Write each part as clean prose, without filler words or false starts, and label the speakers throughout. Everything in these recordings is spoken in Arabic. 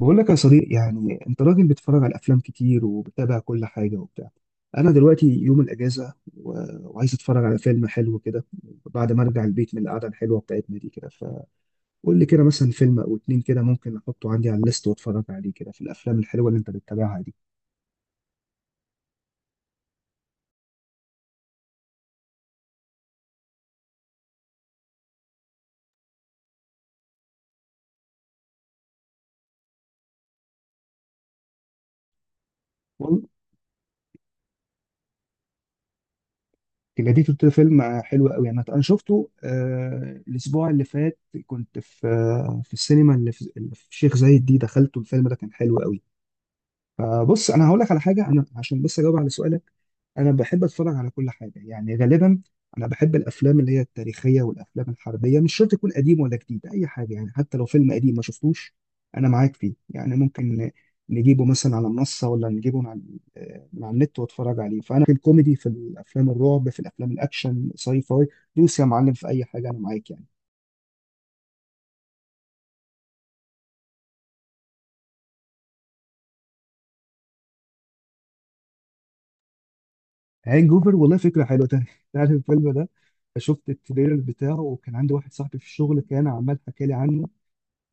Speaker 1: بقول لك يا صديق، يعني انت راجل بتتفرج على افلام كتير وبتابع كل حاجه وبتاع. انا دلوقتي يوم الاجازه وعايز اتفرج على فيلم حلو كده بعد ما ارجع البيت من القعده الحلوه بتاعتنا دي كده. فقول لي كده مثلا فيلم او اتنين كده ممكن احطه عندي على الليست واتفرج عليه، كده في الافلام الحلوه اللي انت بتتابعها دي. والله جديد، قلت فيلم حلو قوي يعني. انا شفته الاسبوع اللي فات، كنت في في السينما اللي في الشيخ زايد دي، دخلته الفيلم ده كان حلو قوي. بص انا هقول لك على حاجه، انا عشان بس اجاوب على سؤالك. انا بحب اتفرج على كل حاجه يعني غالبا. انا بحب الافلام اللي هي التاريخيه والافلام الحربيه، مش شرط تكون قديم ولا جديد، اي حاجه يعني حتى لو فيلم قديم ما شفتوش انا معاك فيه، يعني ممكن نجيبه مثلا على منصه، ولا نجيبه من على، من على النت واتفرج عليه. فانا في الكوميدي، في الافلام الرعب، في الافلام الاكشن ساي فاي، دوس يا معلم في اي حاجه، انا معاك يعني. هانج اوفر، والله فكره حلوه. تعرف الفيلم ده؟ شفت التريلر بتاعه، وكان عندي واحد صاحبي في الشغل كان عمال حكى لي عنه،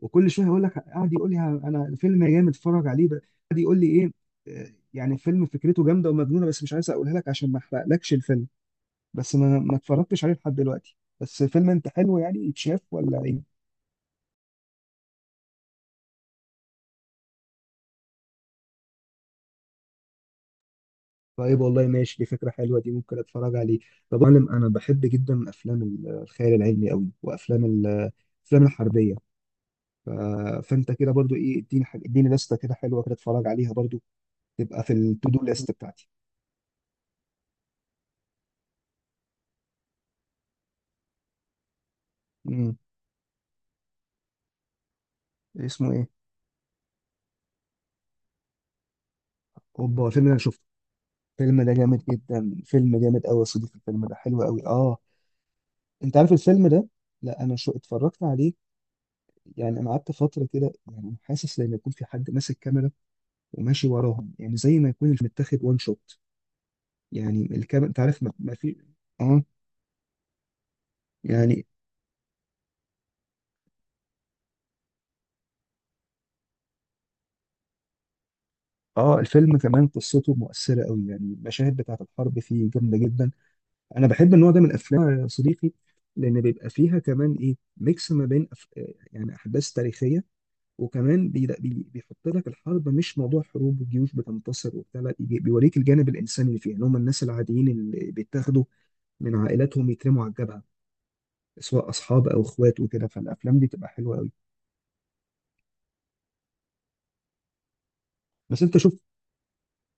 Speaker 1: وكل شويه يقول لك، قاعد يقول لي انا الفيلم يا جامد اتفرج عليه بقى. قاعد يقول لي ايه، يعني الفيلم فكرته جامده ومجنونه، بس مش عايز اقولها لك عشان ما احرقلكش الفيلم. بس ما اتفرجتش عليه لحد دلوقتي. بس فيلم انت حلو يعني يتشاف ولا ايه؟ طيب والله ماشي، دي فكره حلوه دي، ممكن اتفرج عليه. طب يا معلم، انا بحب جدا افلام الخيال العلمي قوي، وافلام الافلام الحربيه. ف- فانت كده برضو ايه، اديني حاجه، اديني لسته كده حلوه كده اتفرج عليها برضو، تبقى في التو دو ليست بتاعتي. امم اسمه ايه؟ اوبا الفيلم ده انا شفته، الفيلم ده جامد جدا، فيلم جامد قوي يا صديقي، الفيلم ده حلو قوي اه. انت عارف الفيلم ده؟ لا انا شو اتفرجت عليه يعني. انا قعدت فتره كده يعني، أنا حاسس لما يكون في حد ماسك كاميرا وماشي وراهم، يعني زي ما يكون متاخد وان شوت، يعني الكاميرا انت عارف ما في. اه. يعني اه الفيلم كمان قصته مؤثره قوي يعني، المشاهد بتاعت الحرب فيه جامده جدا. انا بحب النوع ده من الافلام يا صديقي، لان بيبقى فيها كمان ايه، ميكس ما بين يعني احداث تاريخيه، وكمان بيحط لك الحرب مش موضوع حروب وجيوش بتنتصر وبتاع، لا بيوريك الجانب الانساني اللي فيها، اللي هم الناس العاديين اللي بيتاخدوا من عائلاتهم يترموا على الجبهه، سواء اصحاب او اخوات وكده. فالافلام دي بتبقى حلوه قوي. بس انت شوف.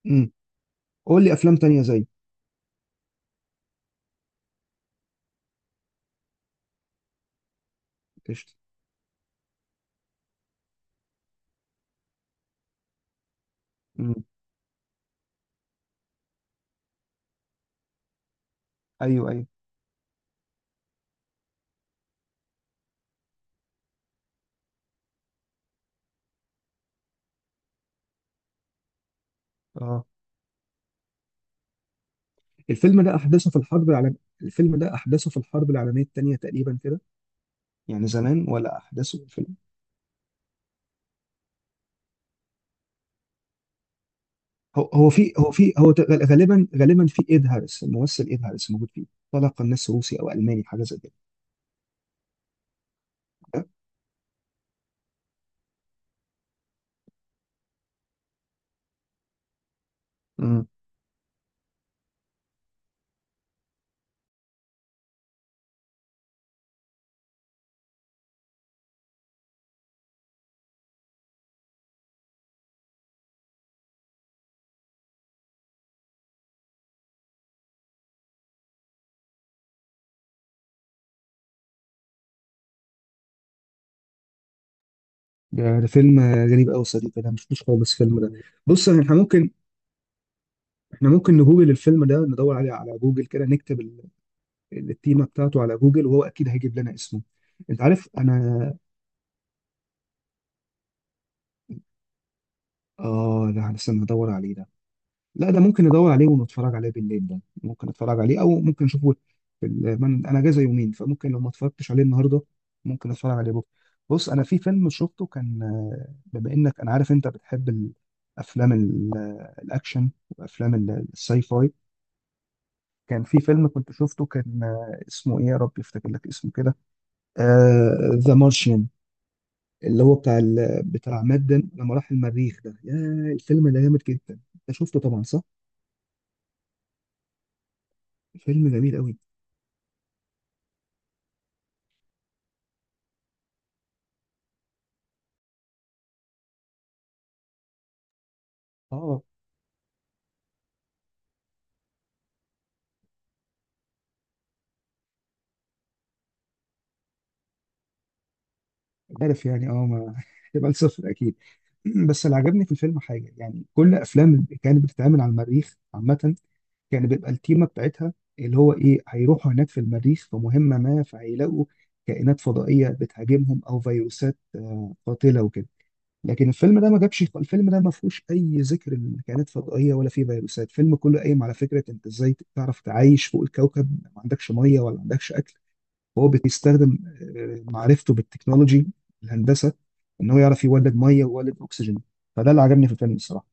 Speaker 1: امم قول لي افلام تانية زي. قشطه. امم. ايوه ايوه. اه الفيلم ده احداثه في الحرب العالميه، الفيلم ده احداثه في الحرب العالميه الثانيه تقريبا كده، يعني زمان ولا احداثه الفيلم؟ هو في غالبا، غالبا في ايد هاريس الممثل، ايد هاريس موجود فيه، طلع قناص روسي او الماني حاجه زي كده. ده. امم. ده ده فيلم غريب قوي صديقي، انا ما شفتوش خالص الفيلم ده. بص يعني احنا ممكن، احنا ممكن نجوجل الفيلم ده، ندور عليه على جوجل كده، نكتب التيمه بتاعته على جوجل، وهو اكيد هيجيب لنا اسمه. انت عارف انا. اه لا أنا استنى ادور عليه ده، لا ده ممكن ندور عليه ونتفرج عليه بالليل، ده ممكن اتفرج عليه او ممكن اشوفه في انا اجازه يومين، فممكن لو ما اتفرجتش عليه النهارده ممكن اتفرج عليه بكره. بص انا في فيلم شفته كان، بما انك انا عارف انت بتحب الافلام الاكشن وافلام الساي فاي. كان في فيلم كنت شفته كان، اسمه ايه يا رب يفتكر لك اسمه كده، ذا مارشيان، اللي هو بتاع بتاع مات ديمون لما راح المريخ ده يا. الفيلم ده جامد جدا، انت شفته طبعا صح؟ فيلم جميل قوي. اه عارف يعني، اه ما هتبقى صفر اكيد. بس اللي عجبني في الفيلم حاجه يعني، كل افلام اللي كانت بتتعمل على المريخ عامه كان بيبقى التيمه بتاعتها اللي هو ايه، هيروحوا هناك في المريخ في مهمه ما، فهيلاقوا كائنات فضائيه بتهاجمهم، او فيروسات قاتله وكده. لكن الفيلم ده ما جابش، الفيلم ده ما فيهوش اي ذكر لكائنات فضائيه ولا فيه فيروسات. الفيلم كله قايم على فكره انت ازاي تعرف تعيش فوق الكوكب ما عندكش ميه ولا عندكش اكل. هو بيستخدم معرفته بالتكنولوجي، الهندسه، ان هو يعرف يولد ميه ويولد اكسجين. فده اللي عجبني في الفيلم الصراحه.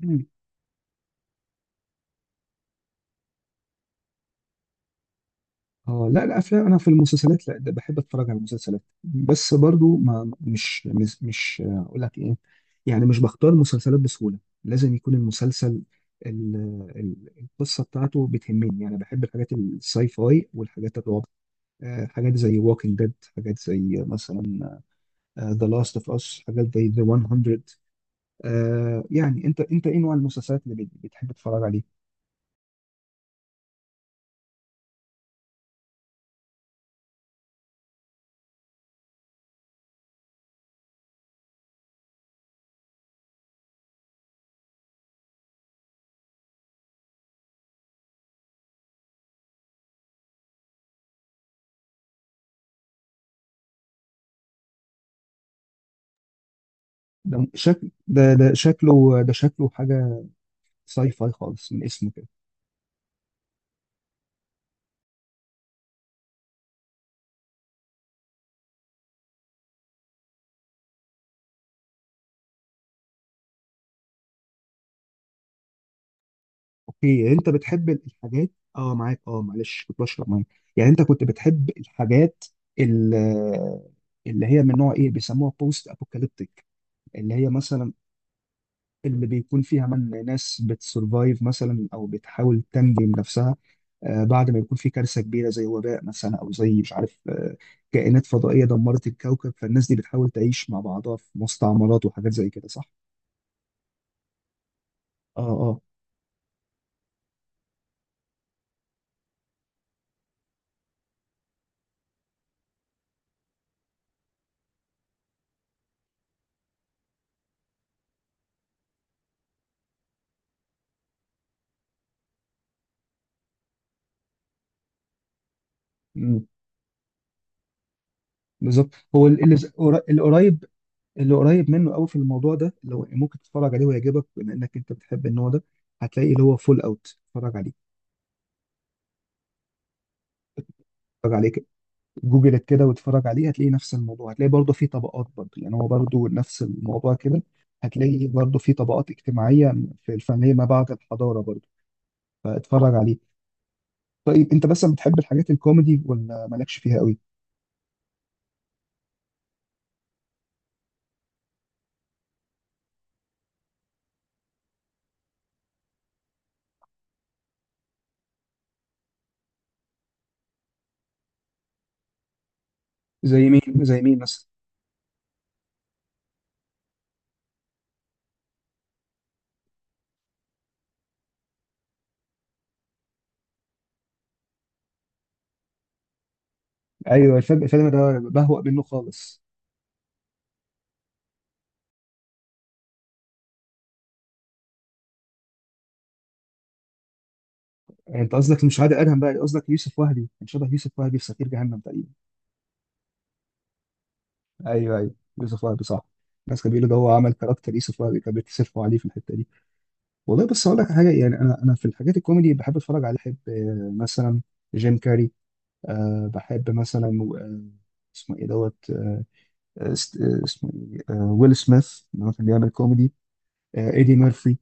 Speaker 1: مم. اه لا الافلام، انا في المسلسلات لا، ده بحب اتفرج على المسلسلات بس برضو ما مش مش, مش اقول لك ايه، يعني مش بختار مسلسلات بسهوله. لازم يكون المسلسل ال- القصه بتاعته بتهمني. يعني بحب الحاجات الساي فاي والحاجات الرعب، حاجات زي ووكينج ديد، حاجات زي مثلا ذا لاست اوف اس، حاجات زي ذا 100. يعني انت، انت ايه نوع المسلسلات بتحب تتفرج عليه؟ ده شكل ده ده شكله ده شكله حاجه ساي فاي خالص من اسمه كده. اوكي انت بتحب الحاجات. اه معاك، اه معلش كنت بشرب ميه. يعني انت كنت بتحب الحاجات ال- اللي هي من نوع ايه بيسموها بوست ابوكاليبتيك، اللي هي مثلا، اللي بيكون فيها من ناس بتسرفايف مثلا، او بتحاول تنجم نفسها بعد ما يكون في كارثه كبيره زي وباء مثلا، او زي مش عارف، كائنات فضائيه دمرت الكوكب، فالناس دي بتحاول تعيش مع بعضها في مستعمرات وحاجات زي كده صح؟ اه اه. مم، بالظبط. هو ال- اللي ز- قر- اللي قريب، اللي قريب منه قوي في الموضوع ده لو ممكن تتفرج عليه ويعجبك بما انك انت بتحب النوع ده، هتلاقي اللي هو فول اوت، اتفرج عليه. اتفرج عليه، جوجلت كده واتفرج عليه، هتلاقي نفس الموضوع، هتلاقي برضه في طبقات برضه، يعني هو برضه نفس الموضوع كده. هتلاقي برضه في طبقات اجتماعية، في الفنية ما بعد الحضارة برضه، فاتفرج عليه. طيب انت مثلا بتحب الحاجات الكوميدي ولا مالكش فيها قوي؟ زي مين مثلا؟ ايوه الفيلم ده بهوأ منه خالص. انت قصدك مش عادل ادهم بقى، قصدك يوسف وهبي، كان شبه يوسف وهبي في سفير جهنم تقريبا. ايوه ايوه يوسف وهبي صح. الناس كانوا بيقولوا ده هو عمل كاركتر يوسف وهبي، كان بيتصرفوا عليه في الحتة دي. والله بس اقول لك حاجه يعني، انا في الحاجات الكوميدي بحب اتفرج على، بحب مثلا جيم كاري. أه بحب مثلا آه، اسمه ايه دوت اسمه ايه ويل سميث، اللي هو كان بيعمل كوميدي، ايدي ميرفي.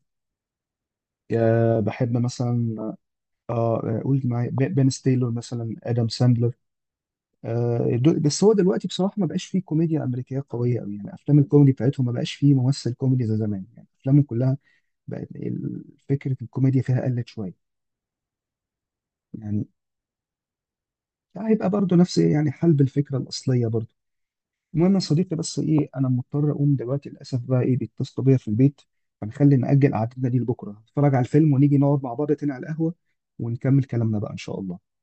Speaker 1: أه بحب مثلا اه قول معايا، بن ستيلر مثلا، ادم ساندلر. أه بس هو دلوقتي بصراحه ما بقاش فيه كوميديا امريكيه قويه قوي يعني. افلام الكوميدي بتاعتهم ما بقاش فيه ممثل كوميدي زي زمان، يعني افلامهم كلها بقت فكره الكوميديا فيها قلت شويه. يعني هيبقى برضه نفس ايه يعني، حلب الفكره الاصليه برضه. المهم يا صديقي بس ايه، انا مضطر اقوم دلوقتي للاسف بقى، ايه بيتصلوا بيا في البيت. فنخلي نأجل قعدتنا دي لبكره، نتفرج على الفيلم ونيجي نقعد مع بعض تاني على القهوه، ونكمل كلامنا بقى ان شاء الله.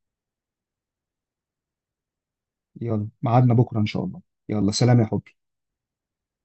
Speaker 1: يلا ميعادنا بكره ان شاء الله. يلا سلام يا حبي.